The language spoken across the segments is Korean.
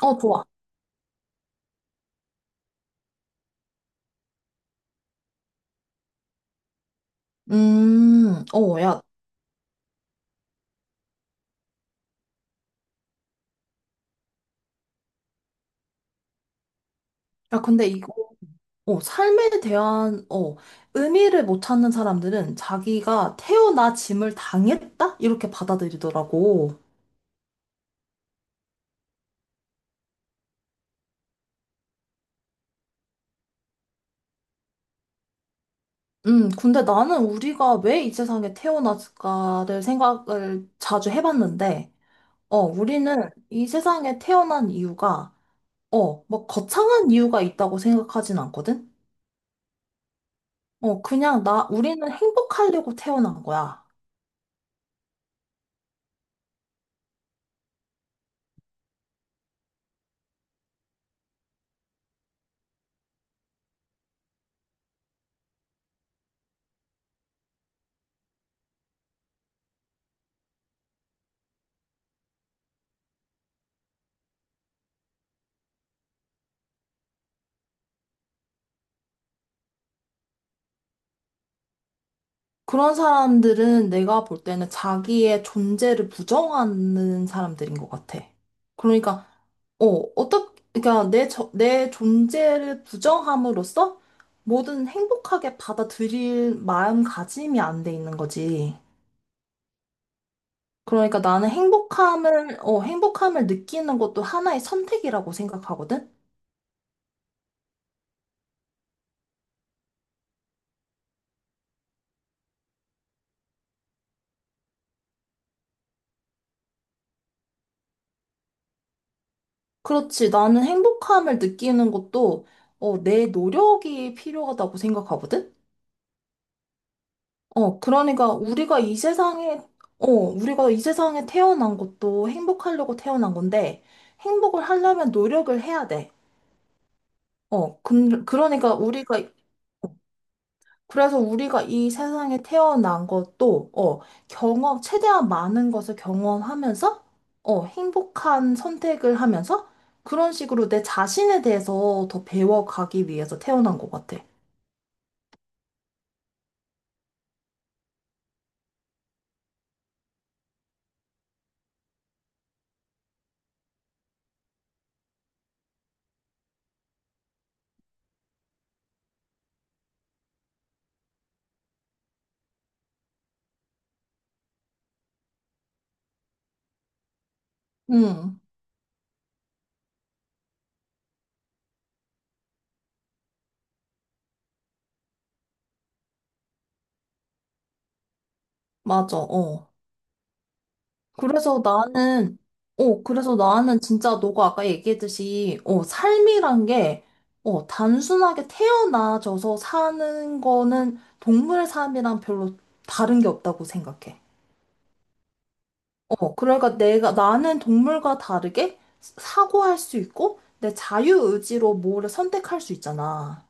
좋아. 음, 어, 야, 야, 근데 이거, 어, 삶에 대한, 의미를 못 찾는 사람들은 자기가 태어나 짐을 당했다? 이렇게 받아들이더라고. 근데 나는 우리가 왜 이 세상에 태어났을까를 생각을 자주 해봤는데, 우리는 이 세상에 태어난 이유가, 뭐 거창한 이유가 있다고 생각하진 않거든? 그냥 우리는 행복하려고 태어난 거야. 그런 사람들은 내가 볼 때는 자기의 존재를 부정하는 사람들인 것 같아. 그러니까, 어, 어떻게, 그러니까 내 존재를 부정함으로써 뭐든 행복하게 받아들일 마음가짐이 안 돼 있는 거지. 그러니까 나는 행복함을 느끼는 것도 하나의 선택이라고 생각하거든? 그렇지. 나는 행복함을 느끼는 것도, 내 노력이 필요하다고 생각하거든? 어, 그러니까 우리가 이 세상에, 우리가 이 세상에 태어난 것도 행복하려고 태어난 건데, 행복을 하려면 노력을 해야 돼. 그러니까 그래서 우리가 이 세상에 태어난 것도, 경험, 최대한 많은 것을 경험하면서, 행복한 선택을 하면서, 그런 식으로 내 자신에 대해서 더 배워가기 위해서 태어난 것 같아. 응, 맞아, 어. 그래서 나는, 그래서 나는 진짜 너가 아까 얘기했듯이, 삶이란 게, 단순하게 태어나져서 사는 거는 동물 삶이랑 별로 다른 게 없다고 생각해. 그러니까 나는 동물과 다르게 사고할 수 있고, 내 자유의지로 뭐를 선택할 수 있잖아.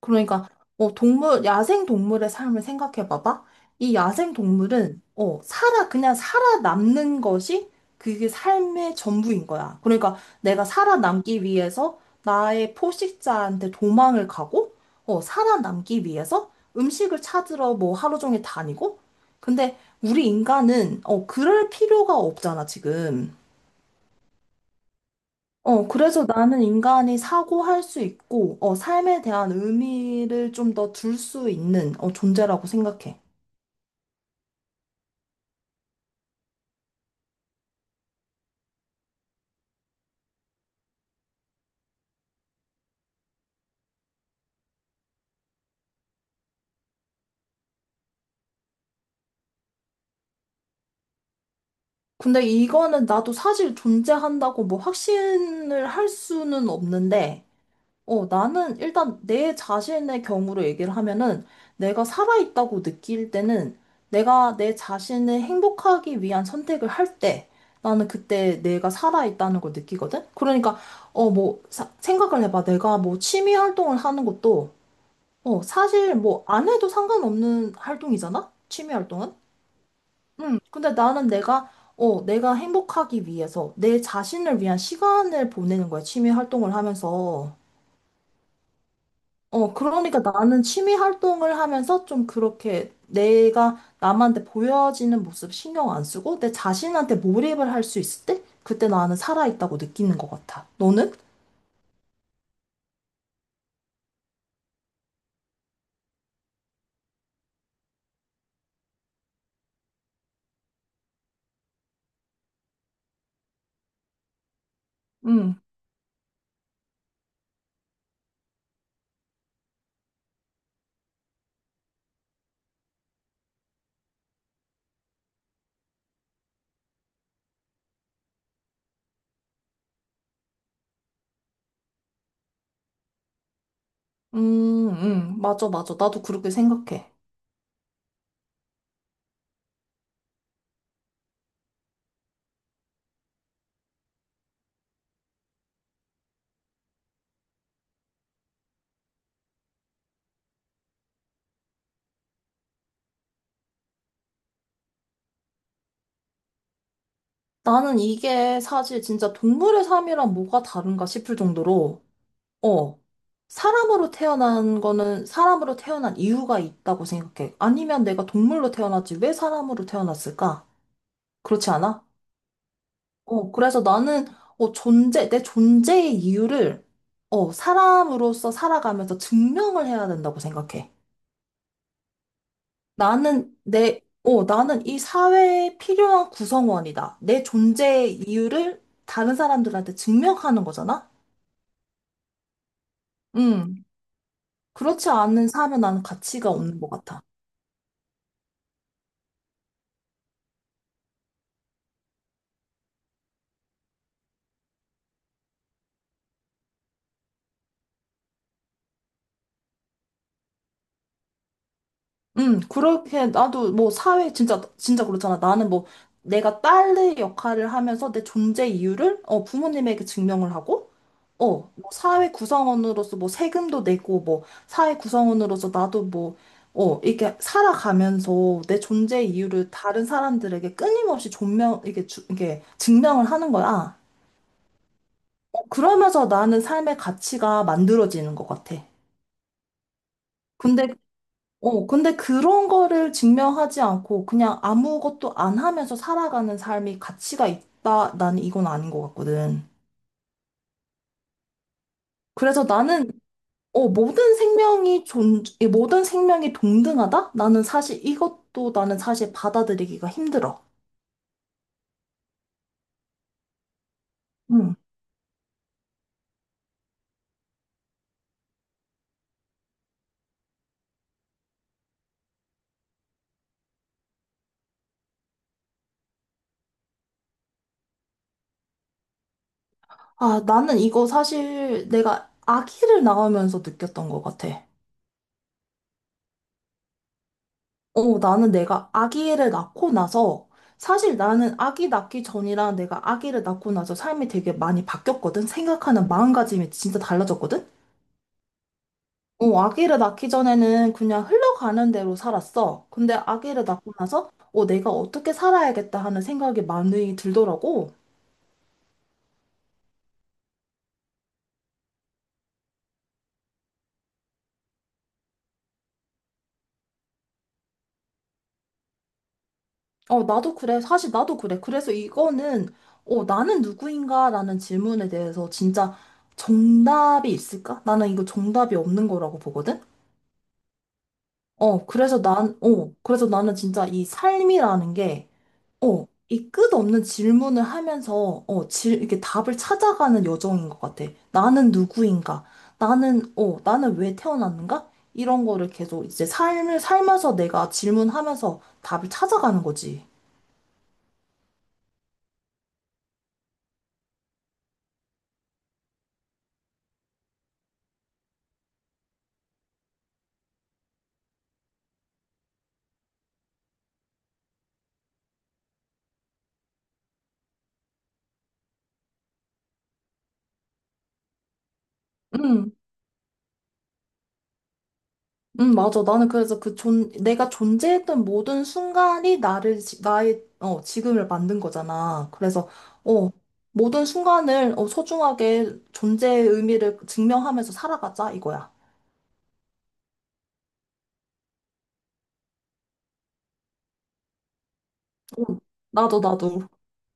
그러니까 동물 야생 동물의 삶을 생각해 봐봐. 이 야생 동물은 살아 그냥 살아남는 것이 그게 삶의 전부인 거야. 그러니까 내가 살아남기 위해서 나의 포식자한테 도망을 가고 살아남기 위해서 음식을 찾으러 뭐 하루 종일 다니고 근데 우리 인간은 그럴 필요가 없잖아, 지금. 그래서 나는 인간이 사고할 수 있고, 삶에 대한 의미를 좀 더 둘 수 있는, 존재라고 생각해. 근데 이거는 나도 사실 존재한다고 뭐 확신을 할 수는 없는데, 나는 일단 내 자신의 경우로 얘기를 하면은 내가 살아있다고 느낄 때는 내가 내 자신을 행복하기 위한 선택을 할 때 나는 그때 내가 살아있다는 걸 느끼거든? 그러니까, 생각을 해봐. 내가 뭐 취미 활동을 하는 것도, 사실 뭐 안 해도 상관없는 활동이잖아? 취미 활동은? 응. 근데 내가 행복하기 위해서 내 자신을 위한 시간을 보내는 거야. 취미 활동을 하면서. 그러니까 나는 취미 활동을 하면서 좀 그렇게 내가 남한테 보여지는 모습 신경 안 쓰고 내 자신한테 몰입을 할 수 있을 때 그때 나는 살아있다고 느끼는 것 같아. 너는? 응, 맞아, 맞아. 나도 그렇게 생각해. 나는 이게 사실 진짜 동물의 삶이랑 뭐가 다른가 싶을 정도로, 어, 사람으로 태어난 거는 사람으로 태어난 이유가 있다고 생각해. 아니면 내가 동물로 태어났지 왜 사람으로 태어났을까? 그렇지 않아? 어, 그래서 나는, 존재, 내 존재의 이유를, 사람으로서 살아가면서 증명을 해야 된다고 생각해. 나는 이 사회에 필요한 구성원이다. 내 존재의 이유를 다른 사람들한테 증명하는 거잖아? 음, 그렇지 않은 삶은 나는 가치가 없는 것 같아. 그렇게, 나도 뭐 사회, 진짜, 진짜 그렇잖아. 내가 딸의 역할을 하면서 내 존재 이유를, 부모님에게 증명을 하고, 어, 뭐 사회 구성원으로서 뭐 세금도 내고 뭐 사회 구성원으로서 이렇게 살아가면서 내 존재 이유를 다른 사람들에게 끊임없이 존명, 이게 주, 이게 증명을 하는 거야. 그러면서 나는 삶의 가치가 만들어지는 것 같아. 근데, 근데 그런 거를 증명하지 않고 그냥 아무것도 안 하면서 살아가는 삶이 가치가 있다. 나는 이건 아닌 것 같거든. 그래서 나는 모든 생명이 존, 이 모든 생명이 동등하다? 나는 사실 이것도 나는 사실 받아들이기가 힘들어. 응. 아, 나는 이거 사실 내가 아기를 낳으면서 느꼈던 것 같아. 나는 내가 아기를 낳고 나서 사실 나는 아기 낳기 전이랑 내가 아기를 낳고 나서 삶이 되게 많이 바뀌었거든? 생각하는 마음가짐이 진짜 달라졌거든? 아기를 낳기 전에는 그냥 흘러가는 대로 살았어. 근데 아기를 낳고 나서, 내가 어떻게 살아야겠다 하는 생각이 많이 들더라고. 나도 그래. 사실 나도 그래. 나는 누구인가라는 질문에 대해서 진짜 정답이 있을까? 나는 이거 정답이 없는 거라고 보거든? 그래서 나는 진짜 이 삶이라는 게, 이 끝없는 질문을 하면서, 이렇게 답을 찾아가는 여정인 것 같아. 나는 누구인가? 나는 왜 태어났는가? 이런 거를 계속 이제 삶을 살면서 내가 질문하면서 답을 찾아가는 거지. 응, 응, 맞아. 나는 그래서 그 존, 내가 존재했던 모든 순간이 나를, 지- 나의, 어, 지금을 만든 거잖아. 그래서, 어, 모든 순간을, 소중하게 존재의 의미를 증명하면서 살아가자, 이거야. 응, 나도, 나도.